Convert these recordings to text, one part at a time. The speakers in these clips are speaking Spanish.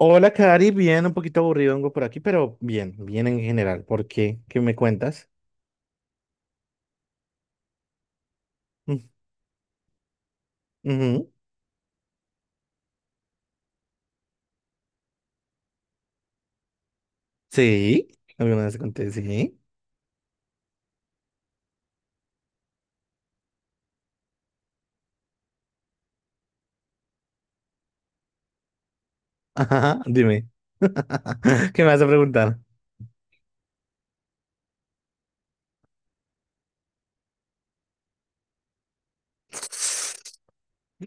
Hola, Cari, bien, un poquito aburridongo por aquí, pero bien, bien en general. ¿Por qué? ¿Qué me cuentas? Mm, ujú. Sí, alguna vez conté, sí. Ajá, dime, ¿qué me vas a preguntar?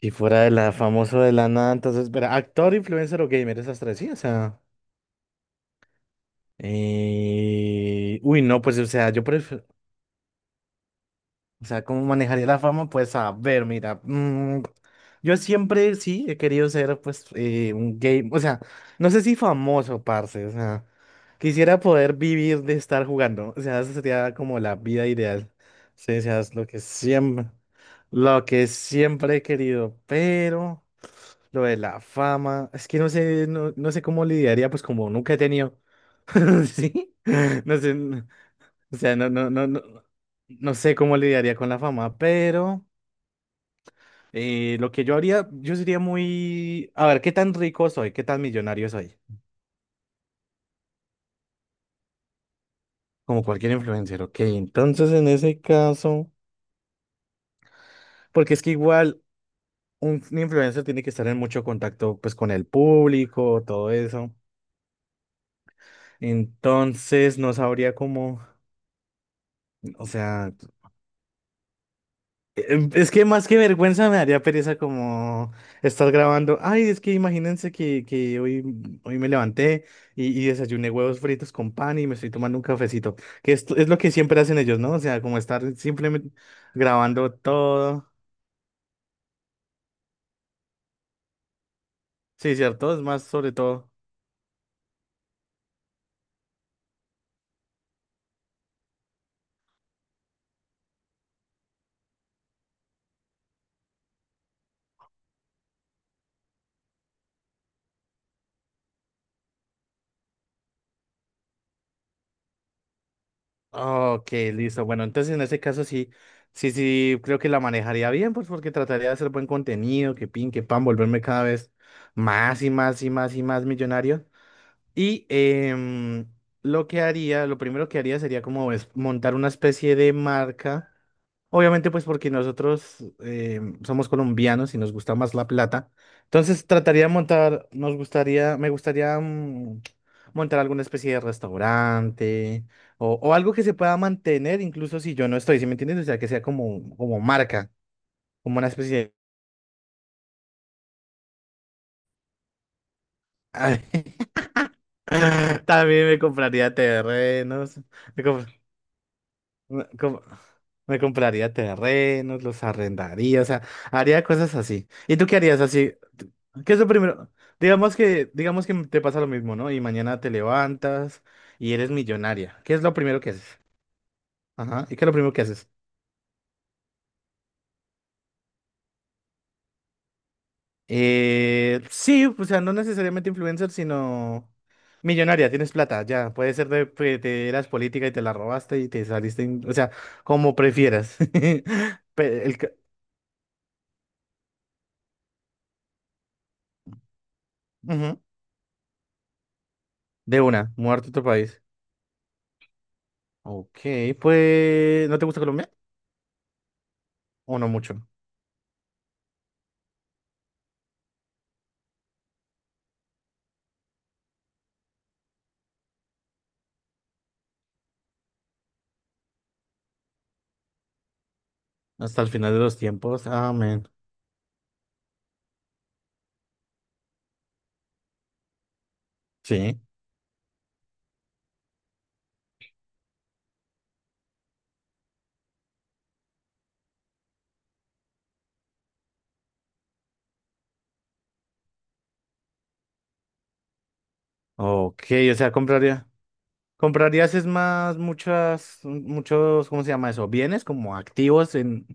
Y fuera de la famoso de la nada, entonces, espera, actor, influencer o gamer, esas tres, sí, o sea. Uy, no, pues, o sea, yo prefiero. O sea, ¿cómo manejaría la fama? Pues a ver, mira, yo siempre sí he querido ser pues un game, o sea, no sé si famoso, parce, o sea, quisiera poder vivir de estar jugando, o sea, esa sería como la vida ideal, sí, o sea, es lo que siempre he querido, pero lo de la fama, es que no sé, no, no sé cómo lidiaría, pues como nunca he tenido, sí, no sé. O sea, no, no, no, no, no sé cómo lidiaría con la fama, pero lo que yo haría, yo sería muy, a ver, ¿qué tan rico soy? ¿Qué tan millonario soy? Como cualquier influencer, ok. Entonces, en ese caso, porque es que igual un influencer tiene que estar en mucho contacto pues con el público, todo eso. Entonces, no sabría cómo, o sea. Es que más que vergüenza me daría pereza como estar grabando. Ay, es que imagínense que, que hoy me levanté y desayuné huevos fritos con pan y me estoy tomando un cafecito. Que esto es lo que siempre hacen ellos, ¿no? O sea, como estar simplemente grabando todo. Sí, cierto, es más sobre todo. Ok, listo. Bueno, entonces en ese caso sí, sí, sí, creo que la manejaría bien, pues porque trataría de hacer buen contenido, que pin, que pan, volverme cada vez más y más y más y más millonario. Y lo que haría, lo primero que haría sería como es montar una especie de marca. Obviamente, pues porque nosotros somos colombianos y nos gusta más la plata. Entonces trataría de montar, nos gustaría, me gustaría montar alguna especie de restaurante o algo que se pueda mantener incluso si yo no estoy, ¿sí me entiendes? O sea, que sea como, marca, como una especie de. También me compraría terrenos. me comp- Me, com- Me compraría terrenos, los arrendaría, o sea, haría cosas así. ¿Y tú qué harías así? ¿Qué es lo primero? Digamos que te pasa lo mismo, ¿no? Y mañana te levantas y eres millonaria. ¿Qué es lo primero que haces? Ajá. ¿Y qué es lo primero que haces? Sí, o sea, no necesariamente influencer, sino millonaria, tienes plata, ya. Puede ser de que te eras política y te la robaste y te saliste, o sea, como prefieras. Pe- el ca- Ujú. De una, muerto tu país. Ok, pues, ¿no te gusta Colombia? ¿O no mucho? Hasta el final de los tiempos. Amén. Sí. Ok, o sea, compraría. ¿Comprarías es más muchas, muchos? ¿Cómo se llama eso? Bienes como activos en,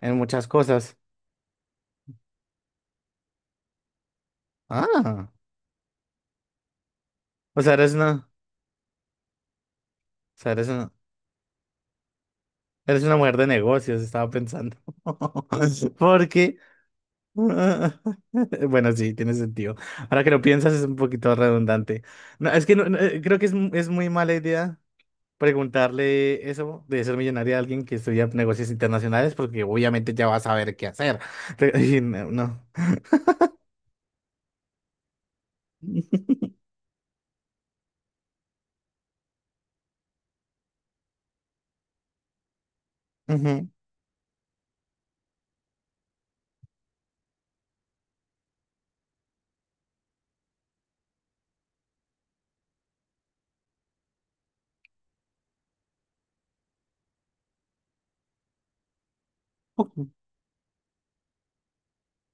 en muchas cosas. Ah, o sea, eres una, o sea, eres una mujer de negocios, estaba pensando. Porque, bueno, sí, tiene sentido. Ahora que lo piensas es un poquito redundante. No, es que no, creo que es, es muy mala idea preguntarle eso de ser millonaria a alguien que estudia negocios internacionales, porque obviamente ya va a saber qué hacer. Pero, y no, no. Ujú.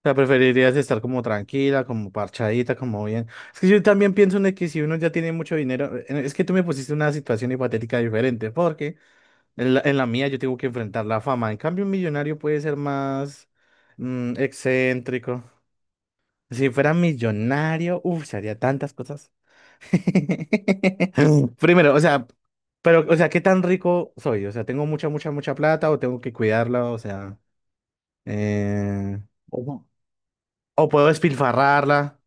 O sea, preferirías estar como tranquila, como parchadita, como bien. Es que yo también pienso en que si uno ya tiene mucho dinero, es que tú me pusiste una situación hipotética diferente, porque en la, mía yo tengo que enfrentar la fama. En cambio, un millonario puede ser más excéntrico. Si fuera millonario, uff, se haría tantas cosas. Primero, o sea, pero, o sea, ¿qué tan rico soy? O sea, ¿tengo mucha, mucha, mucha plata o tengo que cuidarla? O sea, eh, o o puedo despilfarrarla.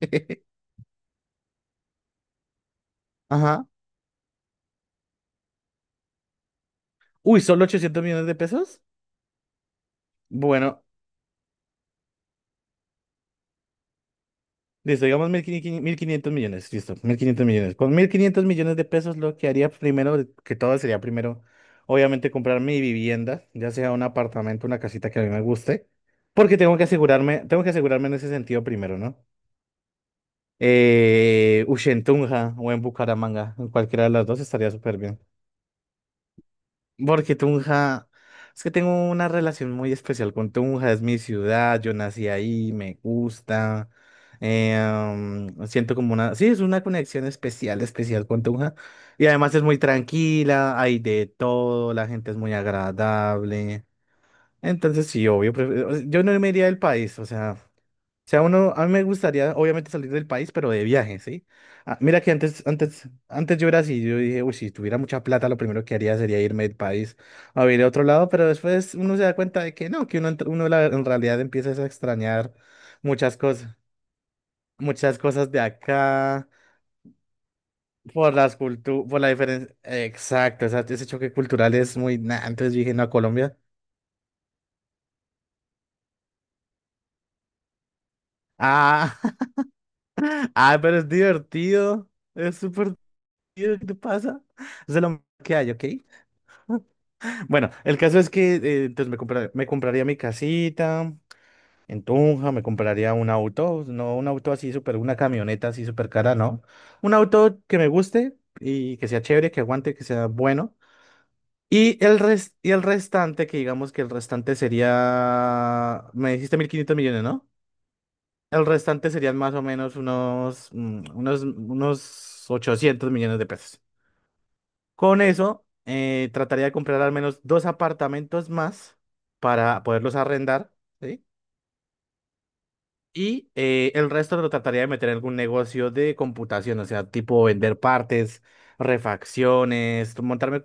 Ajá. Uy, ¿solo 800 millones de pesos? Bueno, listo, digamos 1.500 millones, listo, 1.500 millones. Con 1.500 millones de pesos lo que haría primero, que todo sería primero, obviamente comprar mi vivienda, ya sea un apartamento, una casita que a mí me guste, porque tengo que asegurarme en ese sentido primero, ¿no? Uy, en Tunja o en Bucaramanga, en cualquiera de las dos estaría súper bien. Porque Tunja, es que tengo una relación muy especial con Tunja, es mi ciudad, yo nací ahí, me gusta. Siento como una, sí, es una conexión especial, especial con Tunja. Y además es muy tranquila, hay de todo, la gente es muy agradable. Entonces, sí, obvio, yo no me iría del país, o sea uno, a mí me gustaría, obviamente, salir del país, pero de viaje, ¿sí? Ah, mira que antes, antes, antes yo era así, yo dije, uy, si tuviera mucha plata, lo primero que haría sería irme del país a vivir a otro lado, pero después uno se da cuenta de que no, que uno, en realidad empieza a extrañar muchas cosas, muchas cosas de acá, por las cultu por la diferencia. Exacto, o sea, ese choque cultural es muy, nah, entonces yo dije, no, a Colombia. Ah, ah, pero es divertido, es súper divertido, ¿qué te pasa? Es de lo mejor que hay, ¿ok? Bueno, el caso es que entonces me compraría mi casita en Tunja, me compraría un auto, no un auto así súper, una camioneta así súper cara, no. Un auto que me guste y que sea chévere, que aguante, que sea bueno. Y el restante, que digamos que el restante sería, me dijiste 1.500 millones, ¿no? El restante serían más o menos unos 800 millones de pesos. Con eso, trataría de comprar al menos dos apartamentos más para poderlos arrendar, ¿sí? Y el resto lo trataría de meter en algún negocio de computación, o sea, tipo vender partes, refacciones, montarme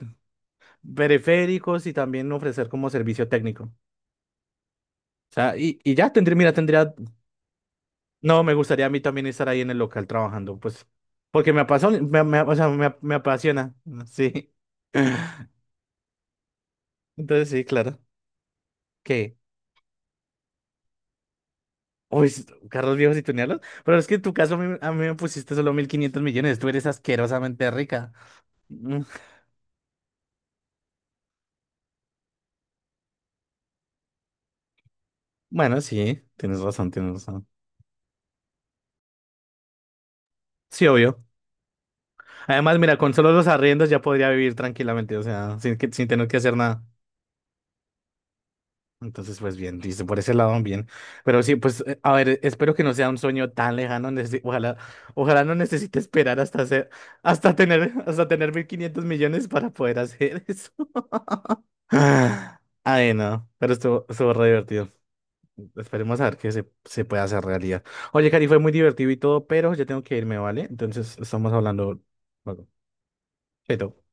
periféricos y también ofrecer como servicio técnico. O sea, y ya tendría, mira, tendría, no, me gustaría a mí también estar ahí en el local trabajando, pues, porque me apasiona, me apasiona, sí. Entonces, sí, claro. ¿Qué? Uy, carros viejos y tunearlos. Pero es que en tu caso a mí me pusiste solo 1.500 millones. Tú eres asquerosamente rica. Mm. Bueno, sí, tienes razón, tienes razón. Sí, obvio. Además, mira, con solo los arriendos ya podría vivir tranquilamente, o sea, sin, que- sin tener que hacer nada. Entonces, pues bien, listo, por ese lado bien. Pero sí, pues, a ver, espero que no sea un sueño tan lejano. Ojalá, ojalá no necesite esperar hasta hacer, hasta tener 1.500 millones para poder hacer eso. Ah, Ay, no, pero estuvo re divertido. Esperemos a ver que se puede hacer realidad. Oye, Cari, fue muy divertido y todo, pero ya tengo que irme, ¿vale? Entonces, estamos hablando luego. Chaito.